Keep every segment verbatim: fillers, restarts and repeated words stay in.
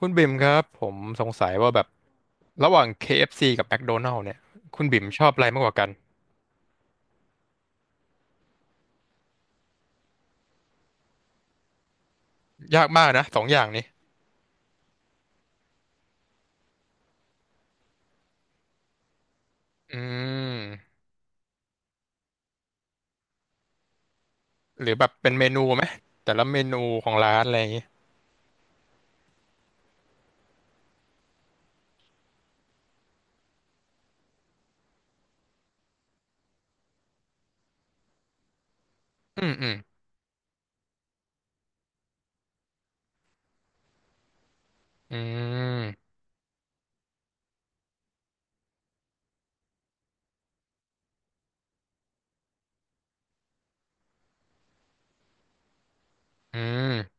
คุณบิ่มครับผมสงสัยว่าแบบระหว่าง เค เอฟ ซี กับ McDonald's เนี่ยคุณบิ่มชอบอะไรมากกว่ากันยากมากนะสองอย่างนี้อืมหรือแบบเป็นเมนูไหมแต่ละเมนูของร้านอะไรอย่างงี้อืมอืมอืมอืม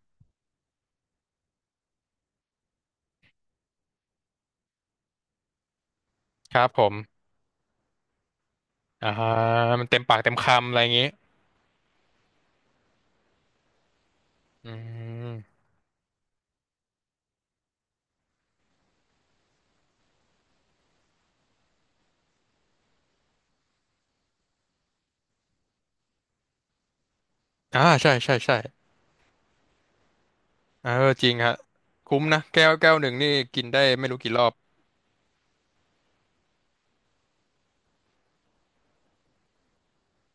ครับผมอ่ามันเต็มปากเต็มคำอะไรอย่างงี้อืมอ่าใช่ใช่ใช่เออจริงฮะคุ้มนะแก้วแก้วหนึ่งนี่กินได้ไม่รู้กี่รอบ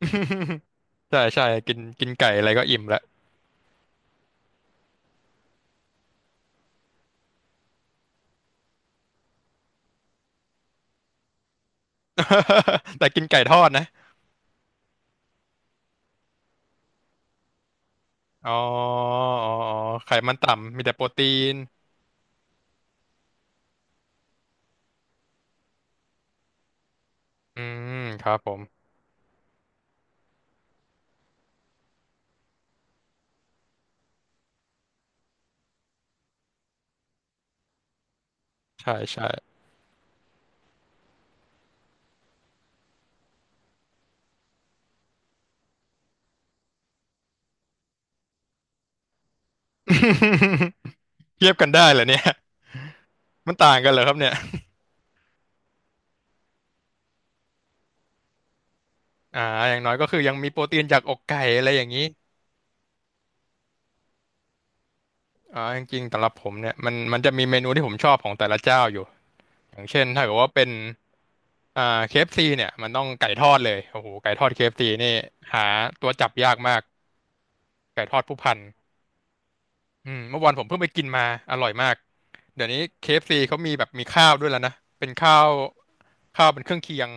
ใช่ใช่กินกินไก่อะไรก็อิ่มแล้ว แต่กินไก่ทอดนะ อ๋ออ๋ออ๋อไขมันต่ำมีแต่โปรตีนอืมครับผมใช่ใช่ เทียบกันได้เหรอเนี่ยมันต่างกันเหรอครับเนี่ยอ่าอย่างน้อยก็คือยังมีโปรตีนจากอกไก่อะไรอย่างนี้อ่าจริงๆสำหรับผมเนี่ยมันมันจะมีเมนูที่ผมชอบของแต่ละเจ้าอยู่อย่างเช่นถ้าเกิดว่าเป็นอ่าเคเอฟซ c เนี่ยมันต้องไก่ทอดเลยโอ้โหไก่ทอดเคเอฟซีนี่หาตัวจับยากมากไก่ทอดผู้พัน อืมเมื่อวานผมเพิ่งไปกินมาอร่อยมากเดี๋ยวนี้เคเอฟซีเขามีแบบมีข้าวด้วยแล้วนะเป็นข้าวข้าวเป็นเครื่องเคียง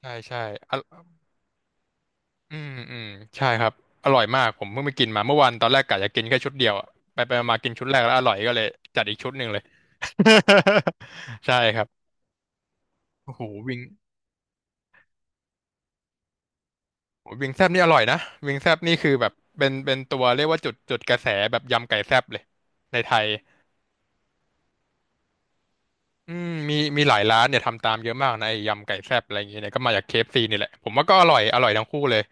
ใช่ใช่อะอืมอืมใช่ครับอร่อยมากผมเพิ่งไปกินมาเมื่อวานตอนแรกกะจะกินแค่ชุดเดียวอะไปไปมากินชุดแรกแล้วอร่อยก็เลยจัดอีกชุดหนึ่งเลย ใช่ครับโอ้โหวิงโอ้โหวิงแซบนี่อร่อยนะวิงแซบนี่คือแบบเป็นเป็นตัวเรียกว่าจุดจุดกระแสแบบยำไก่แซบเลยในไทย อืมมีมีหลายร้านเนี่ยทำตามเยอะมากนะไอ้ยำไก่แซ่บอะไรอย่างเงี้ยเนี่ยก็มาจาก เค เอฟ ซี นี่แหละผมว่าก็อร่อยอร่อยทั้งคู่เลย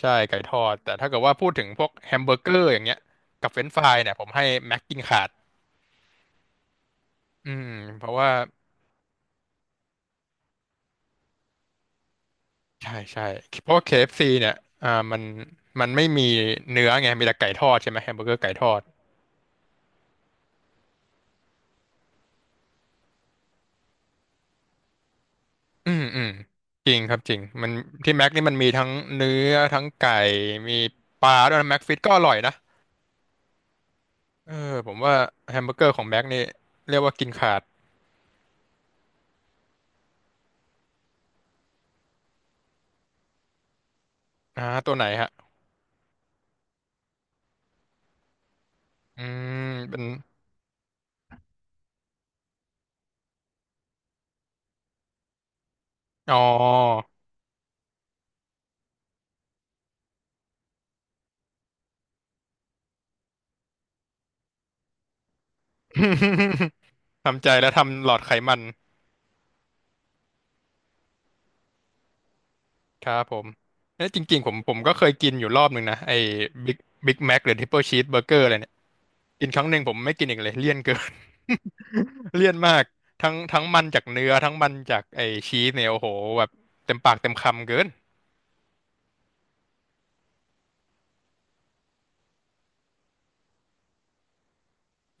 ใช่ไก่ทอดแต่ถ้าเกิดว่าพูดถึงพวกแฮมเบอร์เกอร์อย่างเงี้ยกับเฟรนช์ฟรายเนี่ยผมให้แม็กกินขาดอืมเพราะว่าใช่ใช่เพราะว่า เค เอฟ ซี เอฟซีเนี่ยอ่ามันมันไม่มีเนื้อไงมีแต่ไก่ทอดใช่ไหมแฮมเบอร์เกอร์ไก่ทอดอืมอืมจริงครับจริงมันที่แม็กนี่มันมีทั้งเนื้อทั้งไก่มีปลาด้วยนะแม็กฟิตก็อร่อยนะ เออผมว่าแฮมเบอร์เกอร์ของแบ็กนี่เรียกว่ากินขาดอ่าตัวไหนฮะอืมเป็นอ๋อ ทำใจแล้วทำหลอดไขมันครับผมเอ้ยจริงๆผมผมก็เคยกินอยู่รอบหนึ่งนะไอ้บิ๊กบิ๊กแม็กหรือทริปเปิลชีสเบอร์เกอร์อะไรเนี่ยกินครั้งหนึ่งผมไม่กินอีกเลยเลี่ยนเกิน เลี่ยนมากทั้งทั้งมันจากเนื้อทั้งมันจากไอ้ชีสเนี่ยโอ้โหแบบเต็มปากเต็มคำเกิน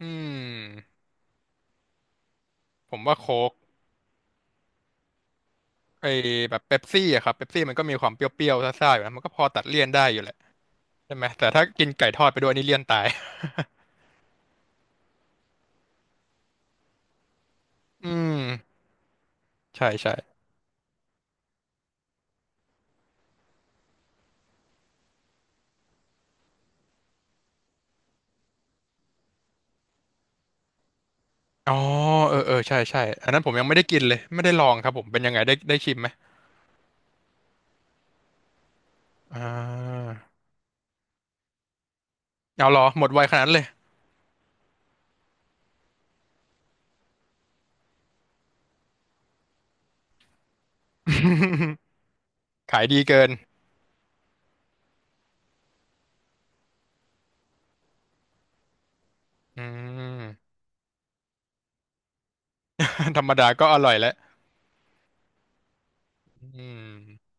อืมผมว่าโค้ก ไอ้แบบเป๊ปซี่อะครับเป๊ปซี่มันก็มีความเปรี้ยวๆซ่าๆอยู่นะมันก็พอตัดเลี่ยนได้อยู่แหละใช่ไหมแต่ถ้ากินไก่ทอดไปด้วยนี่เลี่ยนตาย อืมใช่ใช่อ๋อเออเออใช่ใช่อันนั้นผมยังไม่ได้กินเลยไม่ได้ลองครับผมเป็นยังไงได้ได้ชิมไหมอ่าเอาเหรอหมดไวขนาดนั้นเลย ขายดีเกินอืม ธรรมดาก็อร่อยแล้วอืม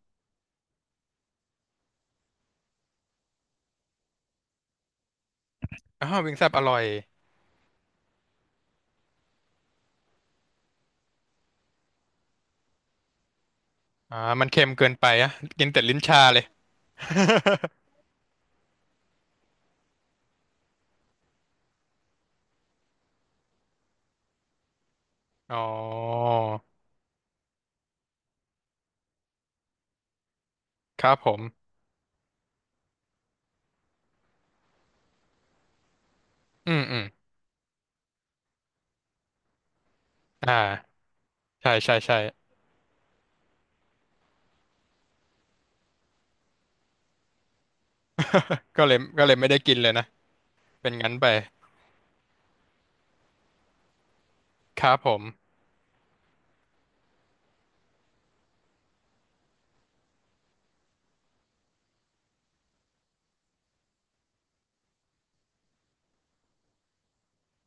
อ้าววิงแซบอร่อยอ่ามันเค็มเกินไปอะกินแต่ลิ้นชาเลย อ๋อครับผมอืมอืมอ่า ใช่ใช่ใช่ก็เลยก็เลยไม่ได้กินเลยนะเป็นงั้นไปครับผม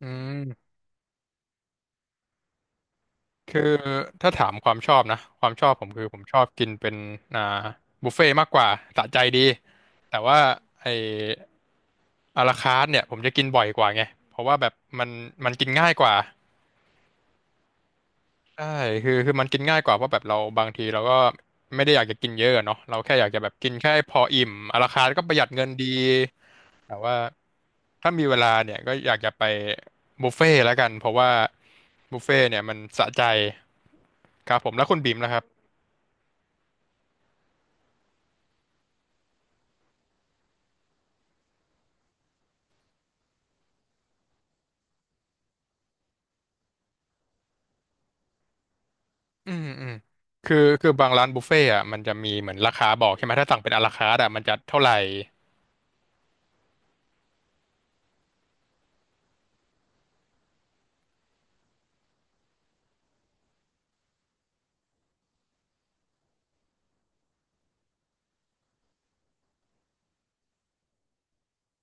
อืมคือถ้าถามความชอบนะความชอบผมคือผมชอบกินเป็นอ่าบุฟเฟ่ต์มากกว่าสะใจดีแต่ว่าไออาราคาร์ทเนี่ยผมจะกินบ่อยกว่าไงเพราะว่าแบบมันมันกินง่ายกว่า ใช่คือคือมันกินง่ายกว่าเพราะแบบเราบางทีเราก็ไม่ได้อยากจะกินเยอะอะเนาะเราแค่อยากจะแบบกินแค่พออิ่มอาราลคาร์ทก็ประหยัดเงินดีแต่ว่าถ้ามีเวลาเนี่ยก็อยากจะไปบุฟเฟ่ต์แล้วกันเพราะว่าบุฟเฟ่ต์เนี่ยมันสะใจครับผมแล้วคุณบีมนะครับอืมอืมคือคือบางร้านบุฟเฟ่ต์อ่ะมันจะมีเหมือนราคาบอกใช่ไหมถ้าสั่งเป็นอะลาคาร์ทอ่ะมันจะเท่าไหร่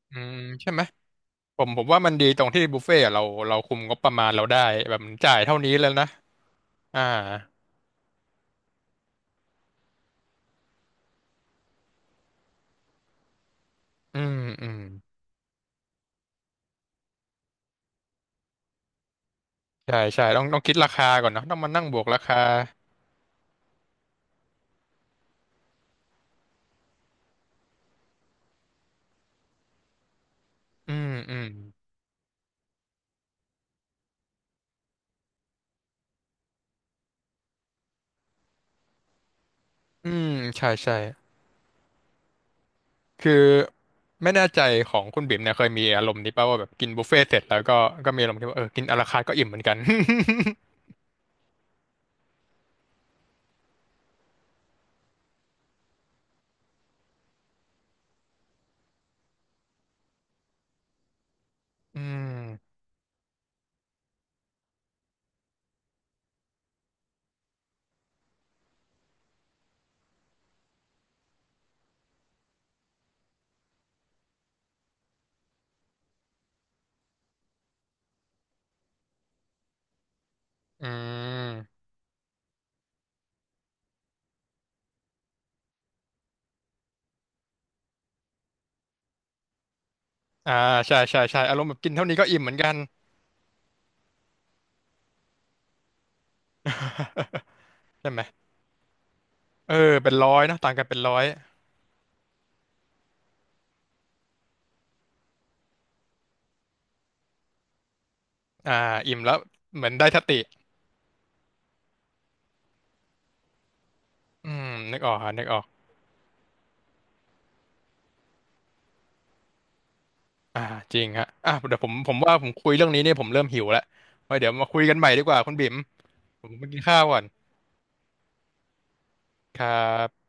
อืมใช่ไหมผมผมว่ามันดีตรงที่บุฟเฟ่ต์อะเราเราคุมงบประมาณเราได้แบบจ่ายเท่านี้แล้วนะอ่า อืมอืมใช่ใช่ต้องต้องคิดราคาก่อนเนอะต้องมานั่งบวกราคาอืมอืมอืมใช่ใช่คือไม่แน่ใจของคุณบิ่มเนี่ยเคยมีอารมณ์นี้ป่ะว่าแบบกินบุฟเฟ่ต์เสร็จแล้วก็ก็มีอารมณ์ที่ว่าเออกินอะลาคาร์ทก็อิ่มเหมือนกัน อืมอืมอ่าใช่ใช่ใช่อารมณ์แบบกินเท่านี้ก็อิ่มเหมือนกันใช่ไหมเออเป็นร้อยนะต่างกันเป็นร้อยอ่าอิ่มแล้วเหมือนได้สติอืมนึกออกฮะนึกออก อ่าจริงฮะอ่ะเดี๋ยวผมผมว่าผมคุยเรื่องนี้เนี่ยผมเริ่มหิวแล้วไว้เดี๋ยวมาคุยกันใหม่ดีกว่าคุณบิ่มผมไปกินข้าวก่อนครับ